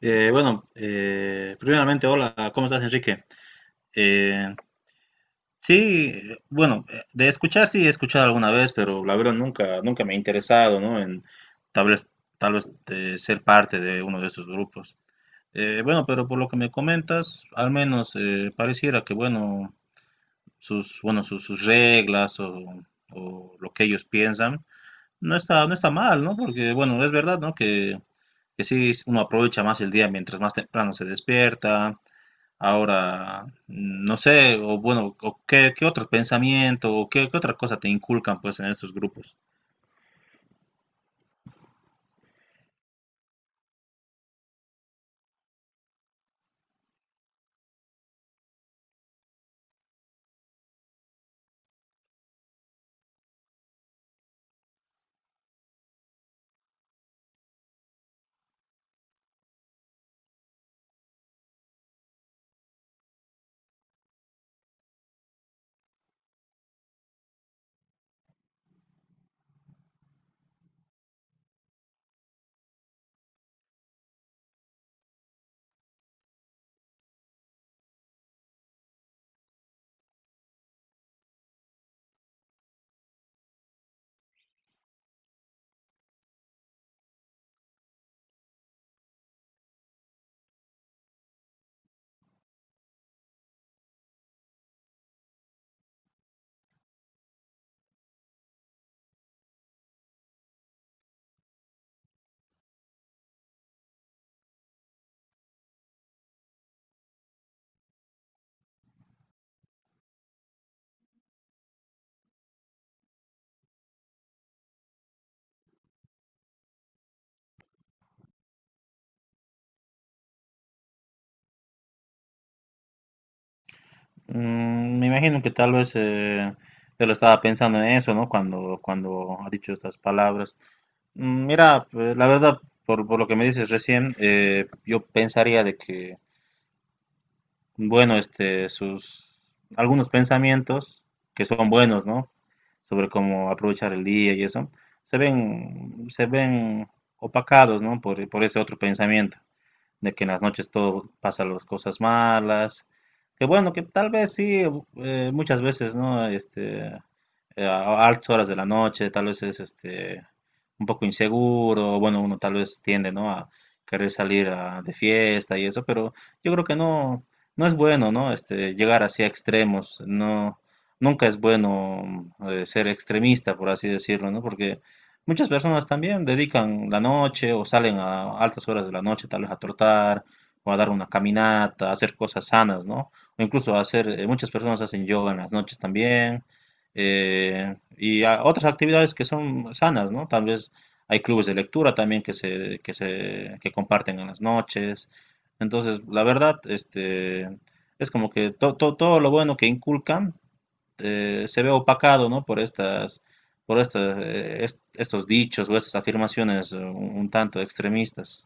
Bueno, primeramente, hola, ¿cómo estás, Enrique? Eh, sí, bueno, de escuchar sí he escuchado alguna vez, pero la verdad nunca me he interesado, ¿no? En tal vez, tal vez ser parte de uno de estos grupos. Bueno, pero por lo que me comentas, al menos pareciera que, bueno, sus reglas o lo que ellos piensan no está mal, ¿no? Porque, bueno, es verdad, ¿no? Que sí uno aprovecha más el día mientras más temprano se despierta. Ahora, no sé, o bueno, qué otro pensamiento, qué otra cosa te inculcan pues en estos grupos. Mm, me imagino que tal vez él estaba pensando en eso, ¿no? Cuando ha dicho estas palabras. Mm, mira, pues, la verdad, por lo que me dices recién, yo pensaría de que bueno, este, sus algunos pensamientos que son buenos, ¿no? Sobre cómo aprovechar el día y eso, se ven opacados, ¿no? Por ese otro pensamiento de que en las noches todo pasa las cosas malas, que bueno, que tal vez sí, muchas veces, ¿no? Este, a altas horas de la noche, tal vez es este, un poco inseguro, o bueno, uno tal vez tiende, ¿no? A querer de fiesta y eso, pero yo creo que no, no es bueno, ¿no? Este, llegar así a extremos, no, nunca es bueno ser extremista, por así decirlo, ¿no? Porque muchas personas también dedican la noche o salen a altas horas de la noche tal vez a trotar o a dar una caminata, a hacer cosas sanas, ¿no? O incluso hacer, muchas personas hacen yoga en las noches también otras actividades que son sanas, ¿no? Tal vez hay clubes de lectura también que comparten en las noches. Entonces, la verdad, este, es como que todo lo bueno que inculcan se ve opacado, ¿no? Por estas, estos dichos o estas afirmaciones eh, un tanto extremistas.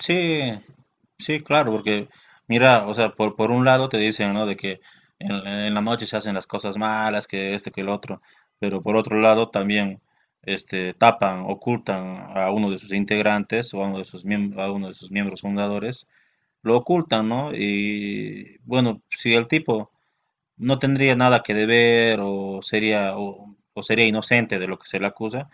Sí, sí, claro, porque mira, o sea, por un lado te dicen, ¿no? De que en la noche se hacen las cosas malas, que este, que el otro, pero por otro lado también, este, tapan, ocultan a uno de sus integrantes o a uno de sus miembros, a uno de sus miembros fundadores, lo ocultan, ¿no? Y bueno, si el tipo no tendría nada que deber o sería, o sería inocente de lo que se le acusa,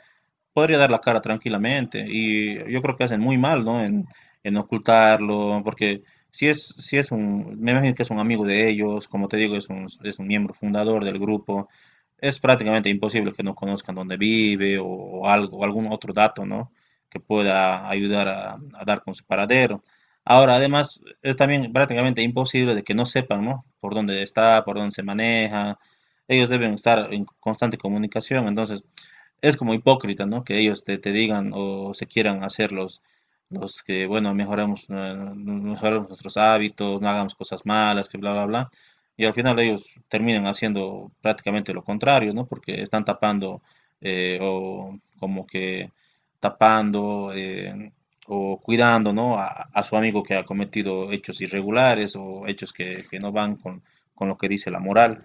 podría dar la cara tranquilamente y yo creo que hacen muy mal, ¿no? En ocultarlo, porque si es un, me imagino que es un amigo de ellos, como te digo, es un miembro fundador del grupo, es prácticamente imposible que no conozcan dónde vive o algo, o algún otro dato, ¿no? Que pueda ayudar a dar con su paradero. Ahora, además, es también prácticamente imposible de que no sepan, ¿no? Por dónde está, por dónde se maneja. Ellos deben estar en constante comunicación, entonces es como hipócrita, ¿no? Que ellos te digan o se quieran hacer los que, bueno, mejoramos, mejoramos nuestros hábitos, no hagamos cosas malas, que bla, bla, bla. Y al final ellos terminan haciendo prácticamente lo contrario, ¿no? Porque están tapando o como que tapando o cuidando, ¿no? A su amigo que ha cometido hechos irregulares o hechos que no van con lo que dice la moral.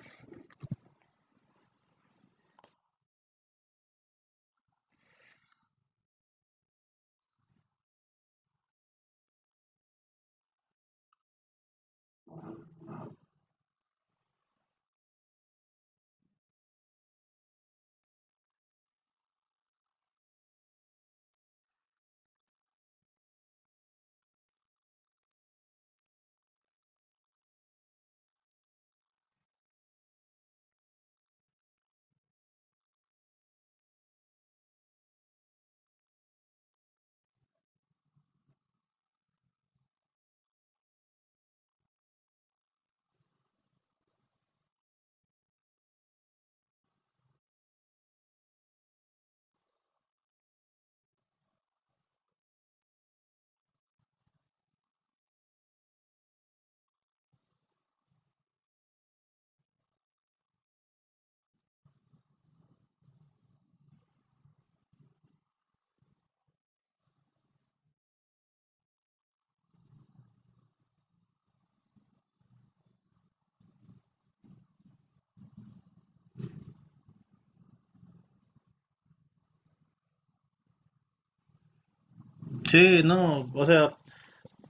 Sí, no, o sea,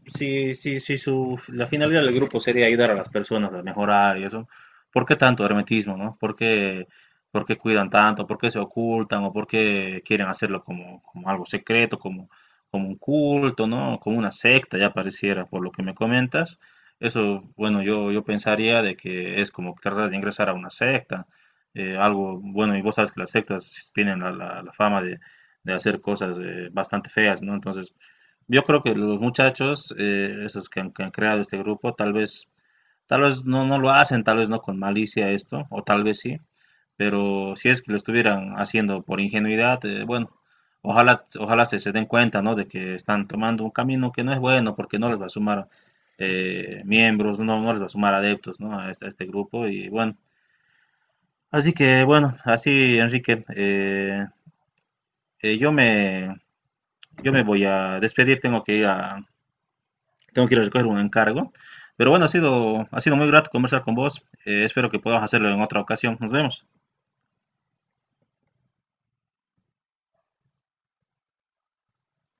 si su, la finalidad del grupo sería ayudar a las personas a mejorar y eso, ¿por qué tanto hermetismo, no? Por qué cuidan tanto? ¿Por qué se ocultan? ¿O por qué quieren hacerlo como algo secreto, como, como un culto, ¿no? Como una secta, ya pareciera, por lo que me comentas. Eso, bueno, yo pensaría de que es como tratar de ingresar a una secta, algo, bueno, y vos sabes que las sectas tienen la fama de hacer cosas bastante feas, ¿no? Entonces, yo creo que los muchachos, esos que han creado este grupo, tal vez no, no lo hacen, tal vez no con malicia esto, o tal vez sí, pero si es que lo estuvieran haciendo por ingenuidad, bueno, ojalá se den cuenta, ¿no? De que están tomando un camino que no es bueno porque no les va a sumar miembros, no, no les va a sumar adeptos, ¿no? A este grupo y bueno, así que bueno, así Enrique, eh, yo me, yo me voy a despedir, tengo que ir a, tengo que ir a recoger un encargo. Pero bueno, ha sido muy grato conversar con vos. Espero que podamos hacerlo en otra ocasión. Nos vemos.